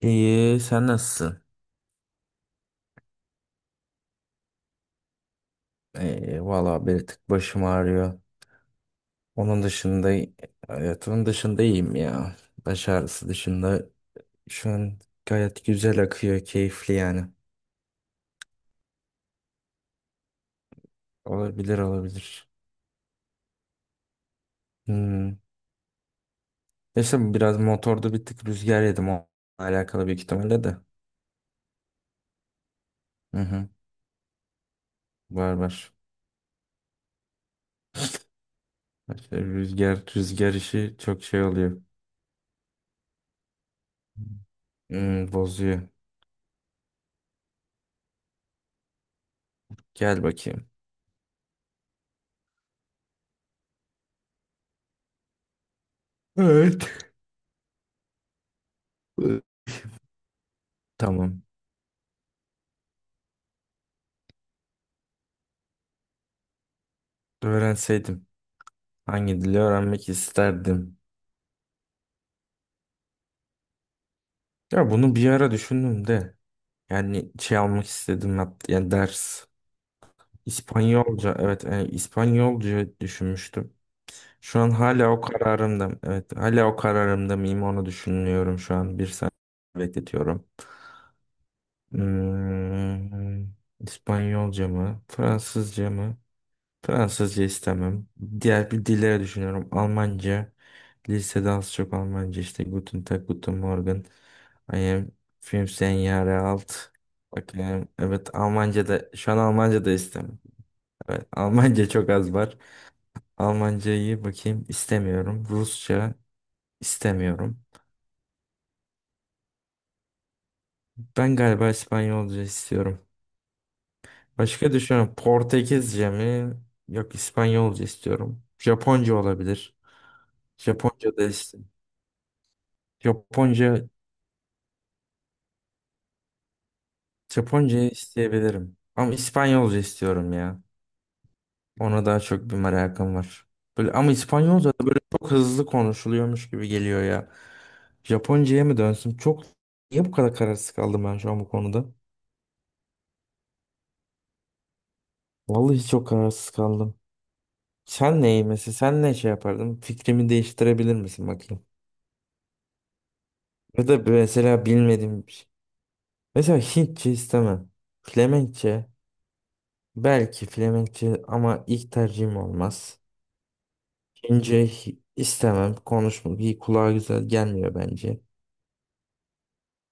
İyi, sen nasılsın? İyi, valla bir tık başım ağrıyor. Onun dışında, hayatımın dışında iyiyim ya. Baş ağrısı dışında şu an gayet güzel akıyor, keyifli yani. Olabilir, olabilir. Hmm. Neyse biraz motorda bir tık rüzgar yedim, o alakalı büyük ihtimalle de. Hı hı, var var. İşte Rüzgar, rüzgar işi çok şey oluyor. Bozuyor. Gel bakayım. Evet. Tamam. Öğrenseydim. Hangi dili öğrenmek isterdim? Ya bunu bir ara düşündüm de. Yani şey almak istedim hatta, yani ders. İspanyolca, evet, yani İspanyolca düşünmüştüm. Şu an hala o kararımda. Evet, hala o kararımda mıyım onu düşünüyorum şu an. Bir saniye bekletiyorum. Hmm, İspanyolca mı? Fransızca mı? Fransızca istemem. Diğer bir dilleri düşünüyorum. Almanca. Lisede az çok Almanca işte. Guten Tag, Guten Morgen. I am fünfzehn Jahre alt. Bakayım. Evet, Almanca da, şu an Almanca da istemem. Evet, Almanca çok az var. Almancayı bakayım istemiyorum. Rusça istemiyorum. Ben galiba İspanyolca istiyorum. Başka düşünüyorum. Portekizce mi? Yok, İspanyolca istiyorum. Japonca olabilir. Japonca da istiyorum. Japonca Japonca isteyebilirim. Ama İspanyolca istiyorum ya. Ona daha çok bir merakım var. Böyle, ama İspanyolca da böyle çok hızlı konuşuluyormuş gibi geliyor ya. Japonca'ya mı dönsün? Çok, niye bu kadar kararsız kaldım ben şu an bu konuda? Vallahi çok kararsız kaldım. Sen neyi mesela sen ne şey yapardın? Fikrimi değiştirebilir misin bakayım? Ya da mesela bilmediğim bir şey. Mesela Hintçe istemem. Flemenkçe belki Flemenkçe ama ilk tercihim olmaz. İnce istemem. Konuşmak iyi kulağa güzel gelmiyor bence.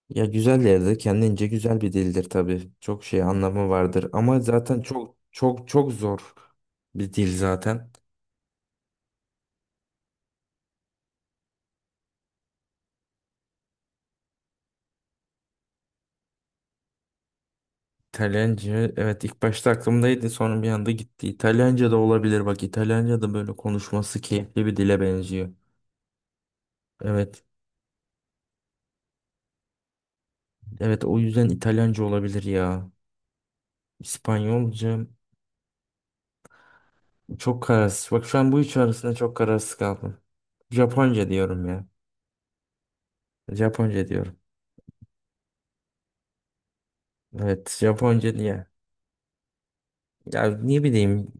Ya güzel yerde kendince güzel bir dildir tabii. Çok şey anlamı vardır ama zaten çok çok çok zor bir dil zaten. İtalyanca, evet, ilk başta aklımdaydı, sonra bir anda gitti. İtalyanca da olabilir, bak İtalyanca da böyle konuşması keyifli bir dile benziyor. Evet evet, o yüzden İtalyanca olabilir ya. İspanyolca çok kararsız. Bak şu an bu üç arasında çok kararsız kaldım. Japonca diyorum ya. Japonca diyorum. Evet, Japonca diye. Ya ne bileyim,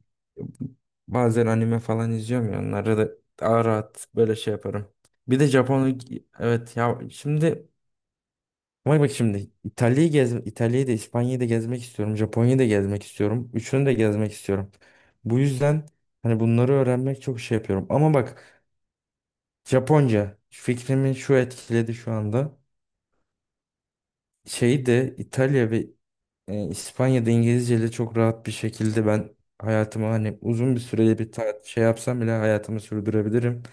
bazen anime falan izliyorum ya, onları da daha rahat böyle şey yaparım. Bir de Japon evet ya, şimdi bak bak şimdi İtalya'yı da İspanya'yı da gezmek istiyorum. Japonya'yı da gezmek istiyorum. Üçünü de gezmek istiyorum. Bu yüzden hani bunları öğrenmek çok şey yapıyorum. Ama bak, Japonca fikrimi şu etkiledi şu anda. Şeyi de İtalya ve İspanya'da İngilizceyle çok rahat bir şekilde ben hayatımı, hani uzun bir süreli bir şey yapsam bile hayatımı sürdürebilirim.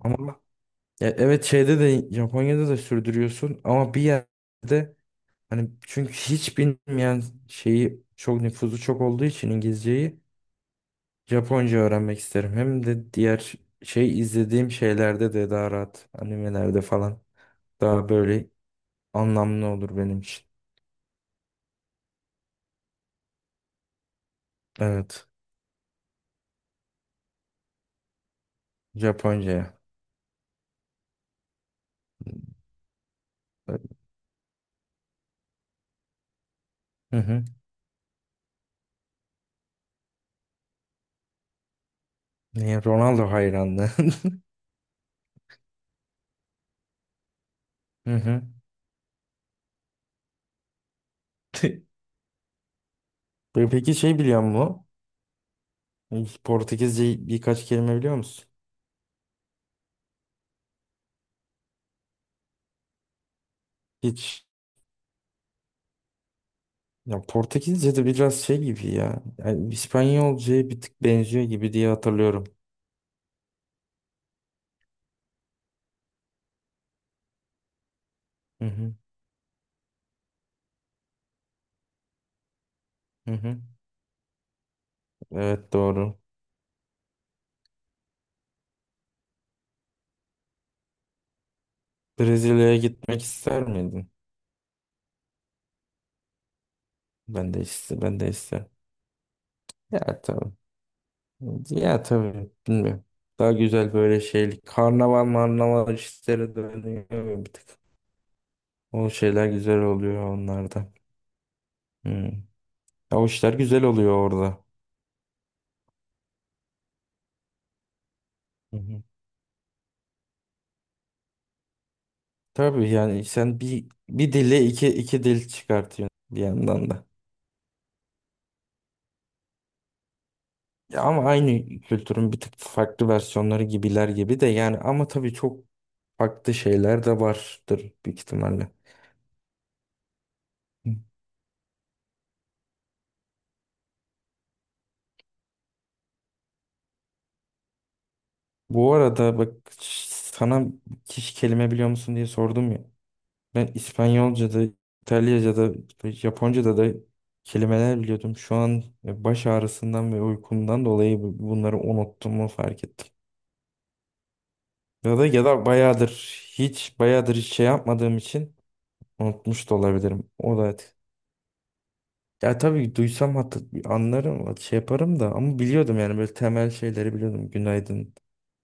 Ama ya evet, şeyde de, Japonya'da da sürdürüyorsun ama bir yerde hani, çünkü hiç bilmeyen şeyi çok, nüfuzu çok olduğu için İngilizceyi. Japonca öğrenmek isterim. Hem de diğer şey izlediğim şeylerde de daha rahat animelerde falan daha böyle anlamlı olur benim için. Evet Japonca'ya. Hı hı. Ne, Ronaldo hayranlığı. Hı hı. Peki şey biliyor musun? Hiç Portekizce birkaç kelime biliyor musun? Hiç. Ya Portekizce de biraz şey gibi ya. Yani İspanyolcaya bir tık benziyor gibi diye hatırlıyorum. Hı hı. Hı hı. Evet doğru. Brezilya'ya gitmek ister miydin? Ben de ister, ben de ister. Ya tabii. Ya tabii. Bilmiyorum. Daha güzel böyle şey. Karnaval marnaval işleri dönüyor bir tık. O şeyler güzel oluyor onlarda. Hmm. Ya o işler güzel oluyor orada. Hı hı. Tabii yani, sen bir dille iki dil çıkartıyorsun bir yandan da. Ya ama aynı kültürün bir tık farklı versiyonları gibiler gibi de yani, ama tabii çok farklı şeyler de vardır büyük ihtimalle. Hı. Bu arada bak, sana hiç kelime biliyor musun diye sordum ya. Ben İspanyolca'da, İtalyaca'da, Japonca'da da kelimeler biliyordum. Şu an baş ağrısından ve uykumdan dolayı bunları unuttuğumu fark ettim. Ya da bayağıdır hiç şey yapmadığım için unutmuş da olabilirim. O da ya tabii, duysam hatta anlarım, şey yaparım da ama biliyordum yani böyle temel şeyleri biliyordum. Günaydın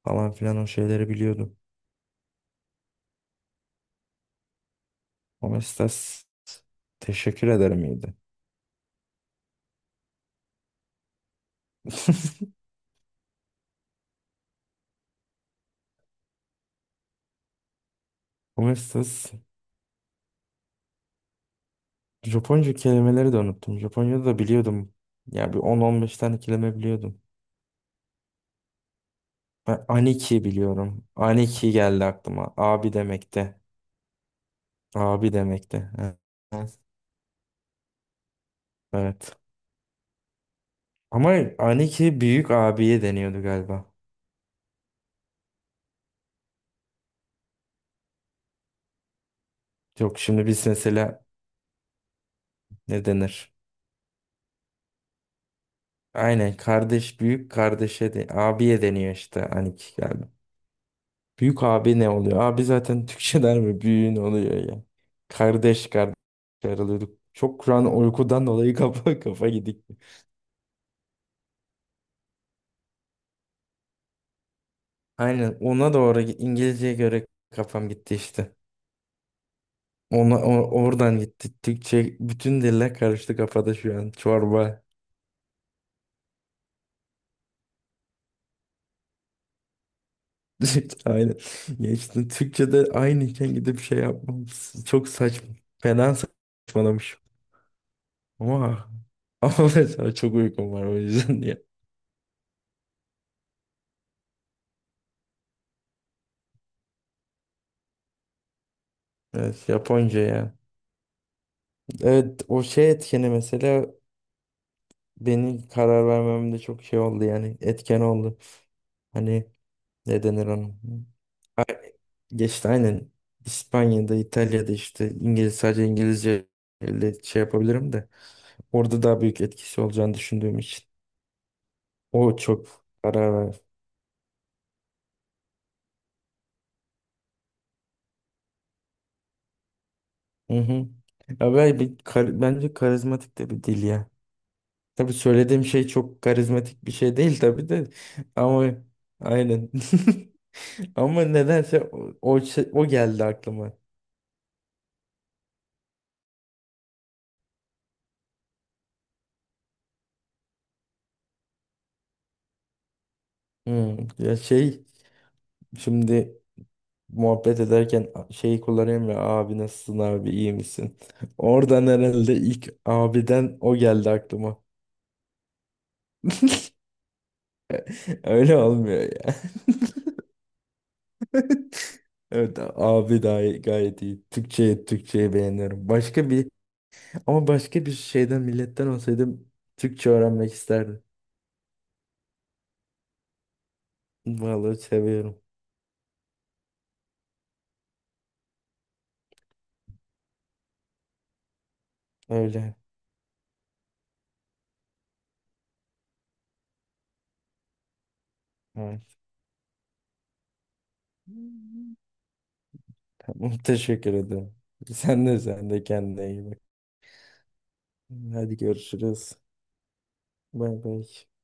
falan filan, o şeyleri biliyordum. Omestas, teşekkür ederim, iyiydi. Omestas, Japonca kelimeleri de unuttum. Japonca'da da biliyordum. Ya bir 10-15 tane kelime biliyordum. Ben aniki biliyorum. Aniki geldi aklıma. Abi demekte. Abi demekte. Evet. Evet. Ama aniki büyük abiye deniyordu galiba. Yok, şimdi biz mesela ne denir? Aynen, kardeş, büyük kardeşe de abiye deniyor işte, aniki galiba. Büyük abi ne oluyor? Abi zaten Türkçeler mi? Büyüğün oluyor ya. Kardeş kardeş ayrılıyorduk. Çok şu an uykudan dolayı kafa kafa gidik. Aynen, ona doğru İngilizceye göre kafam gitti işte. Ona oradan gitti. Türkçe bütün diller karıştı kafada şu an. Çorba. Aynen. Ya işte Türkçe'de aynıyken gidip şey yapmam çok saçma. Fena saçmalamışım. Ama ama mesela çok uykum var, o yüzden diye. Evet Japonca ya. Evet o şey etkeni, mesela benim karar vermemde çok şey oldu, yani etken oldu. Hani ne denir onun? Geçti aynen, İspanya'da, İtalya'da işte sadece İngilizce ile şey yapabilirim de orada daha büyük etkisi olacağını düşündüğüm için, o çok karar ver. Hı hı. Ya ben bence karizmatik de bir dil ya. Tabii söylediğim şey çok karizmatik bir şey değil tabii de, ama aynen. Ama nedense o geldi aklıma. Ya şey, şimdi muhabbet ederken şeyi kullanıyorum ya, abi nasılsın, abi iyi misin? Oradan herhalde ilk abiden o geldi aklıma. Öyle olmuyor ya. Evet abi dahi gayet iyi. Türkçeyi Türkçeyi beğeniyorum. Başka bir şeyden milletten olsaydım Türkçe öğrenmek isterdim. Vallahi seviyorum. Öyle. Evet. Tamam, teşekkür ederim. Sen de kendine iyi bak. Hadi görüşürüz. Bay bay.